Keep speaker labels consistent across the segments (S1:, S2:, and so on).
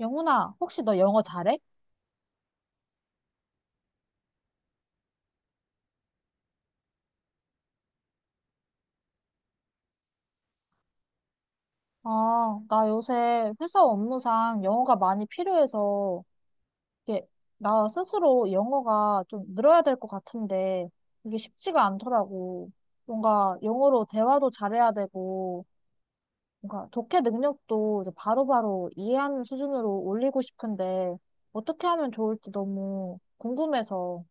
S1: 영훈아, 혹시 너 영어 잘해? 아, 나 요새 회사 업무상 영어가 많이 필요해서, 이게, 나 스스로 영어가 좀 늘어야 될 것 같은데, 이게 쉽지가 않더라고. 뭔가 영어로 대화도 잘해야 되고, 뭔가 독해 능력도 이제 바로바로 이해하는 수준으로 올리고 싶은데, 어떻게 하면 좋을지 너무 궁금해서.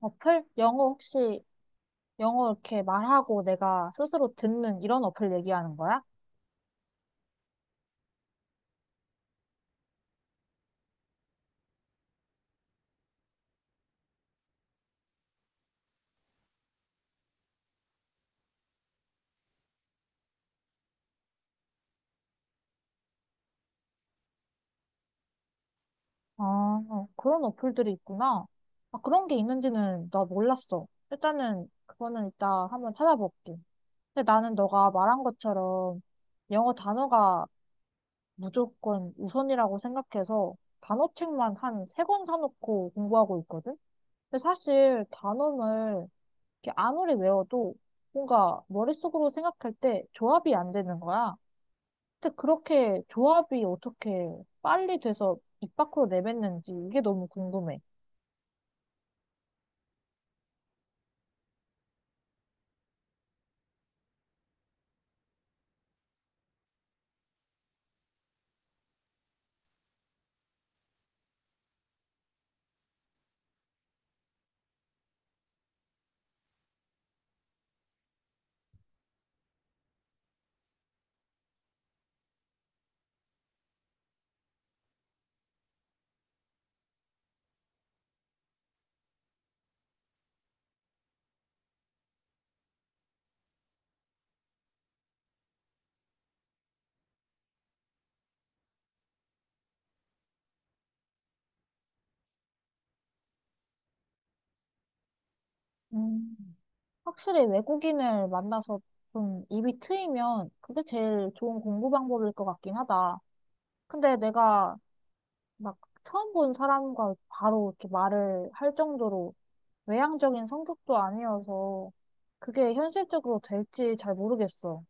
S1: 어플? 영어 혹시, 영어 이렇게 말하고 내가 스스로 듣는 이런 어플 얘기하는 거야? 아, 그런 어플들이 있구나. 아, 그런 게 있는지는 나 몰랐어. 일단은 그거는 이따 한번 찾아볼게. 근데 나는 너가 말한 것처럼 영어 단어가 무조건 우선이라고 생각해서 단어책만 한 세 권 사놓고 공부하고 있거든? 근데 사실 단어를 이렇게 아무리 외워도 뭔가 머릿속으로 생각할 때 조합이 안 되는 거야. 근데 그렇게 조합이 어떻게 빨리 돼서 입 밖으로 내뱉는지 이게 너무 궁금해. 음, 확실히 외국인을 만나서 좀 입이 트이면 그게 제일 좋은 공부 방법일 것 같긴 하다. 근데 내가 막 처음 본 사람과 바로 이렇게 말을 할 정도로 외향적인 성격도 아니어서 그게 현실적으로 될지 잘 모르겠어.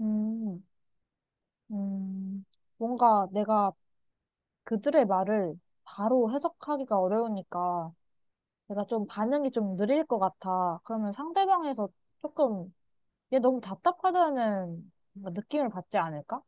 S1: 음, 음, 뭔가 내가 그들의 말을 바로 해석하기가 어려우니까 내가 좀 반응이 좀 느릴 것 같아. 그러면 상대방에서 조금 얘 너무 답답하다는 뭔가 느낌을 받지 않을까?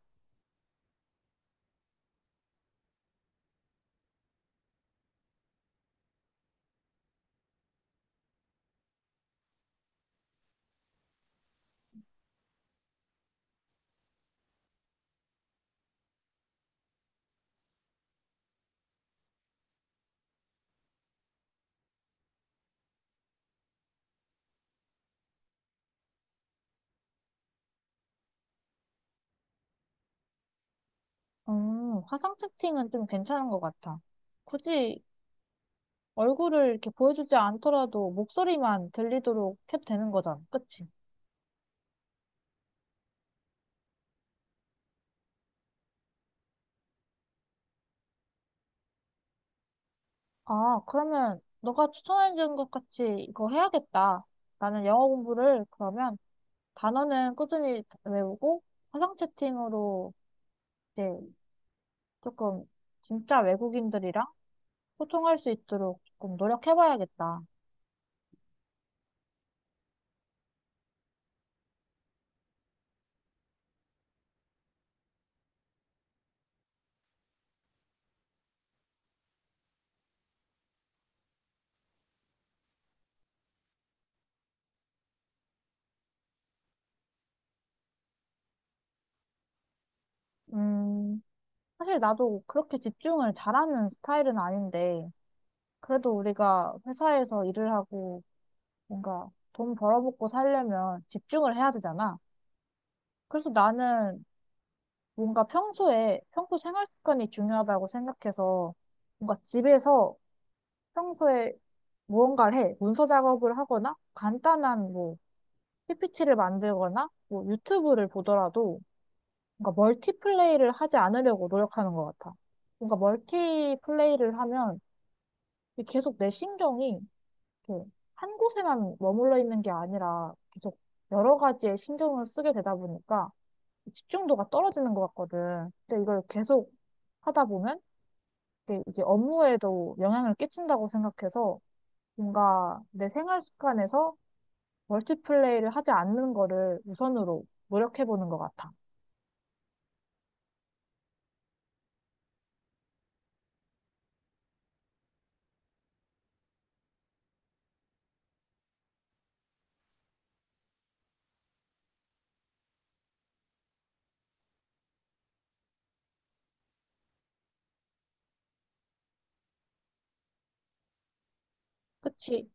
S1: 화상 채팅은 좀 괜찮은 것 같아. 굳이 얼굴을 이렇게 보여주지 않더라도 목소리만 들리도록 해도 되는 거잖아. 그치? 아, 그러면 너가 추천해준 것 같이 이거 해야겠다. 나는 영어 공부를 그러면 단어는 꾸준히 외우고 화상 채팅으로 이제 조금 진짜 외국인들이랑 소통할 수 있도록 조금 노력해봐야겠다. 음. 사실 나도 그렇게 집중을 잘하는 스타일은 아닌데, 그래도 우리가 회사에서 일을 하고 뭔가 돈 벌어먹고 살려면 집중을 해야 되잖아. 그래서 나는 뭔가 평소에, 평소 생활 습관이 중요하다고 생각해서 뭔가 집에서 평소에 무언가를 해. 문서 작업을 하거나 간단한 뭐 PPT를 만들거나 뭐 유튜브를 보더라도 뭔가 멀티플레이를 하지 않으려고 노력하는 것 같아. 뭔가 멀티플레이를 하면 이게 계속 내 신경이 이렇게 한 곳에만 머물러 있는 게 아니라 계속 여러 가지의 신경을 쓰게 되다 보니까 집중도가 떨어지는 것 같거든. 근데 이걸 계속 하다 보면 이게 업무에도 영향을 끼친다고 생각해서 뭔가 내 생활 습관에서 멀티플레이를 하지 않는 거를 우선으로 노력해 보는 것 같아. 그치?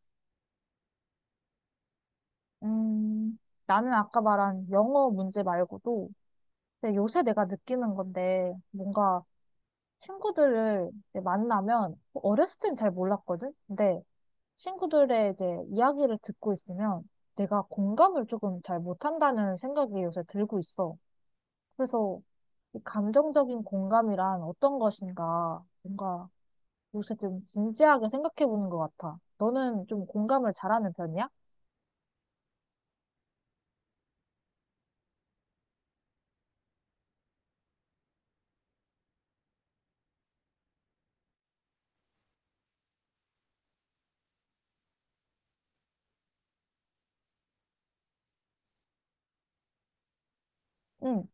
S1: 음, 나는 아까 말한 영어 문제 말고도 근데 요새 내가 느끼는 건데 뭔가 친구들을 이제 만나면 어렸을 땐 잘 몰랐거든. 근데 친구들의 이제 이야기를 듣고 있으면 내가 공감을 조금 잘 못한다는 생각이 요새 들고 있어. 그래서 이 감정적인 공감이란 어떤 것인가 뭔가 요새 좀 진지하게 생각해 보는 것 같아. 너는 좀 공감을 잘하는 편이야? 응.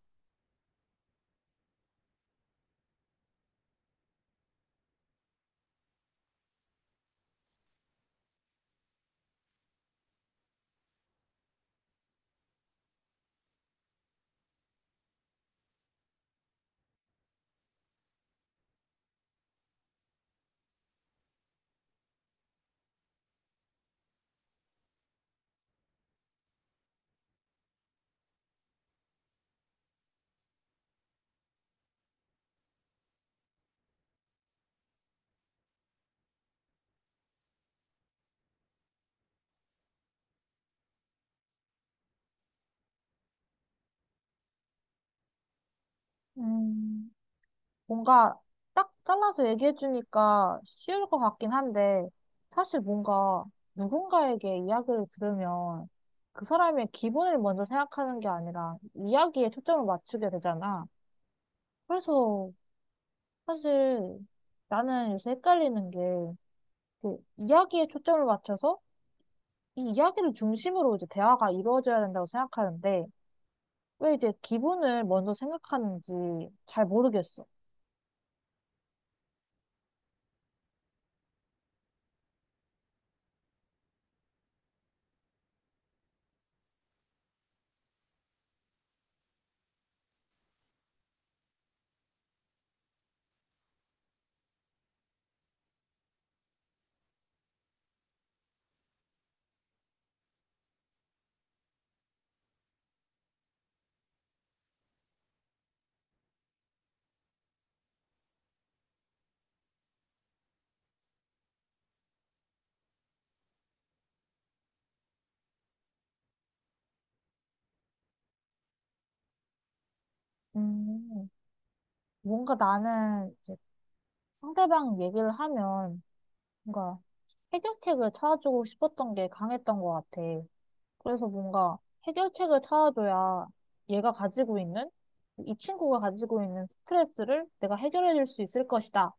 S1: 음, 뭔가 딱 잘라서 얘기해주니까 쉬울 것 같긴 한데, 사실 뭔가 누군가에게 이야기를 들으면 그 사람의 기분을 먼저 생각하는 게 아니라 이야기에 초점을 맞추게 되잖아. 그래서 사실 나는 요새 헷갈리는 게, 그 이야기에 초점을 맞춰서 이 이야기를 중심으로 이제 대화가 이루어져야 된다고 생각하는데, 왜 이제 기분을 먼저 생각하는지 잘 모르겠어. 음, 뭔가 나는 상대방 얘기를 하면 뭔가 해결책을 찾아주고 싶었던 게 강했던 것 같아. 그래서 뭔가 해결책을 찾아줘야 얘가 가지고 있는, 이 친구가 가지고 있는 스트레스를 내가 해결해 줄 수 있을 것이다.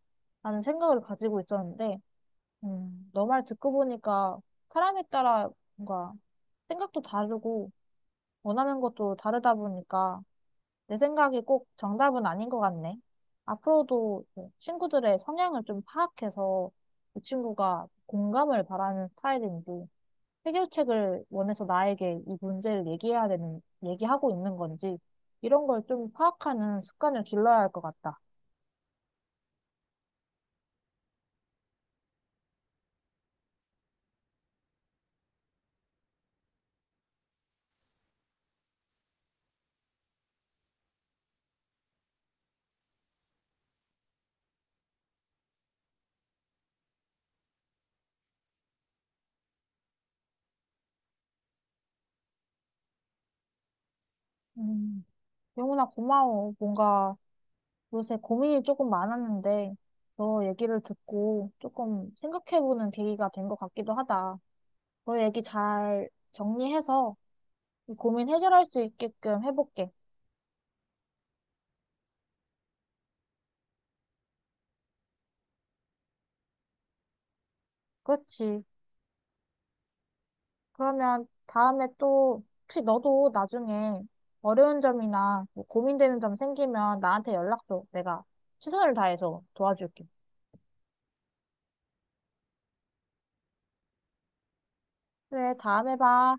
S1: 라는 생각을 가지고 있었는데, 너 말 듣고 보니까 사람에 따라 뭔가 생각도 다르고 원하는 것도 다르다 보니까 내 생각이 꼭 정답은 아닌 것 같네. 앞으로도 그 친구들의 성향을 좀 파악해서 그 친구가 공감을 바라는 스타일인지, 해결책을 원해서 나에게 이 문제를 얘기해야 얘기하고 있는 건지, 이런 걸 좀 파악하는 습관을 길러야 할 것 같다. 음, 영훈아, 고마워. 뭔가 요새 고민이 조금 많았는데, 너 얘기를 듣고 조금 생각해보는 계기가 된 것 같기도 하다. 너 얘기 잘 정리해서 이 고민 해결할 수 있게끔 해볼게. 그렇지. 그러면 다음에 또, 혹시 너도 나중에 어려운 점이나 뭐 고민되는 점 생기면 나한테 연락 줘. 내가 최선을 다해서 도와줄게. 그래, 다음에 봐.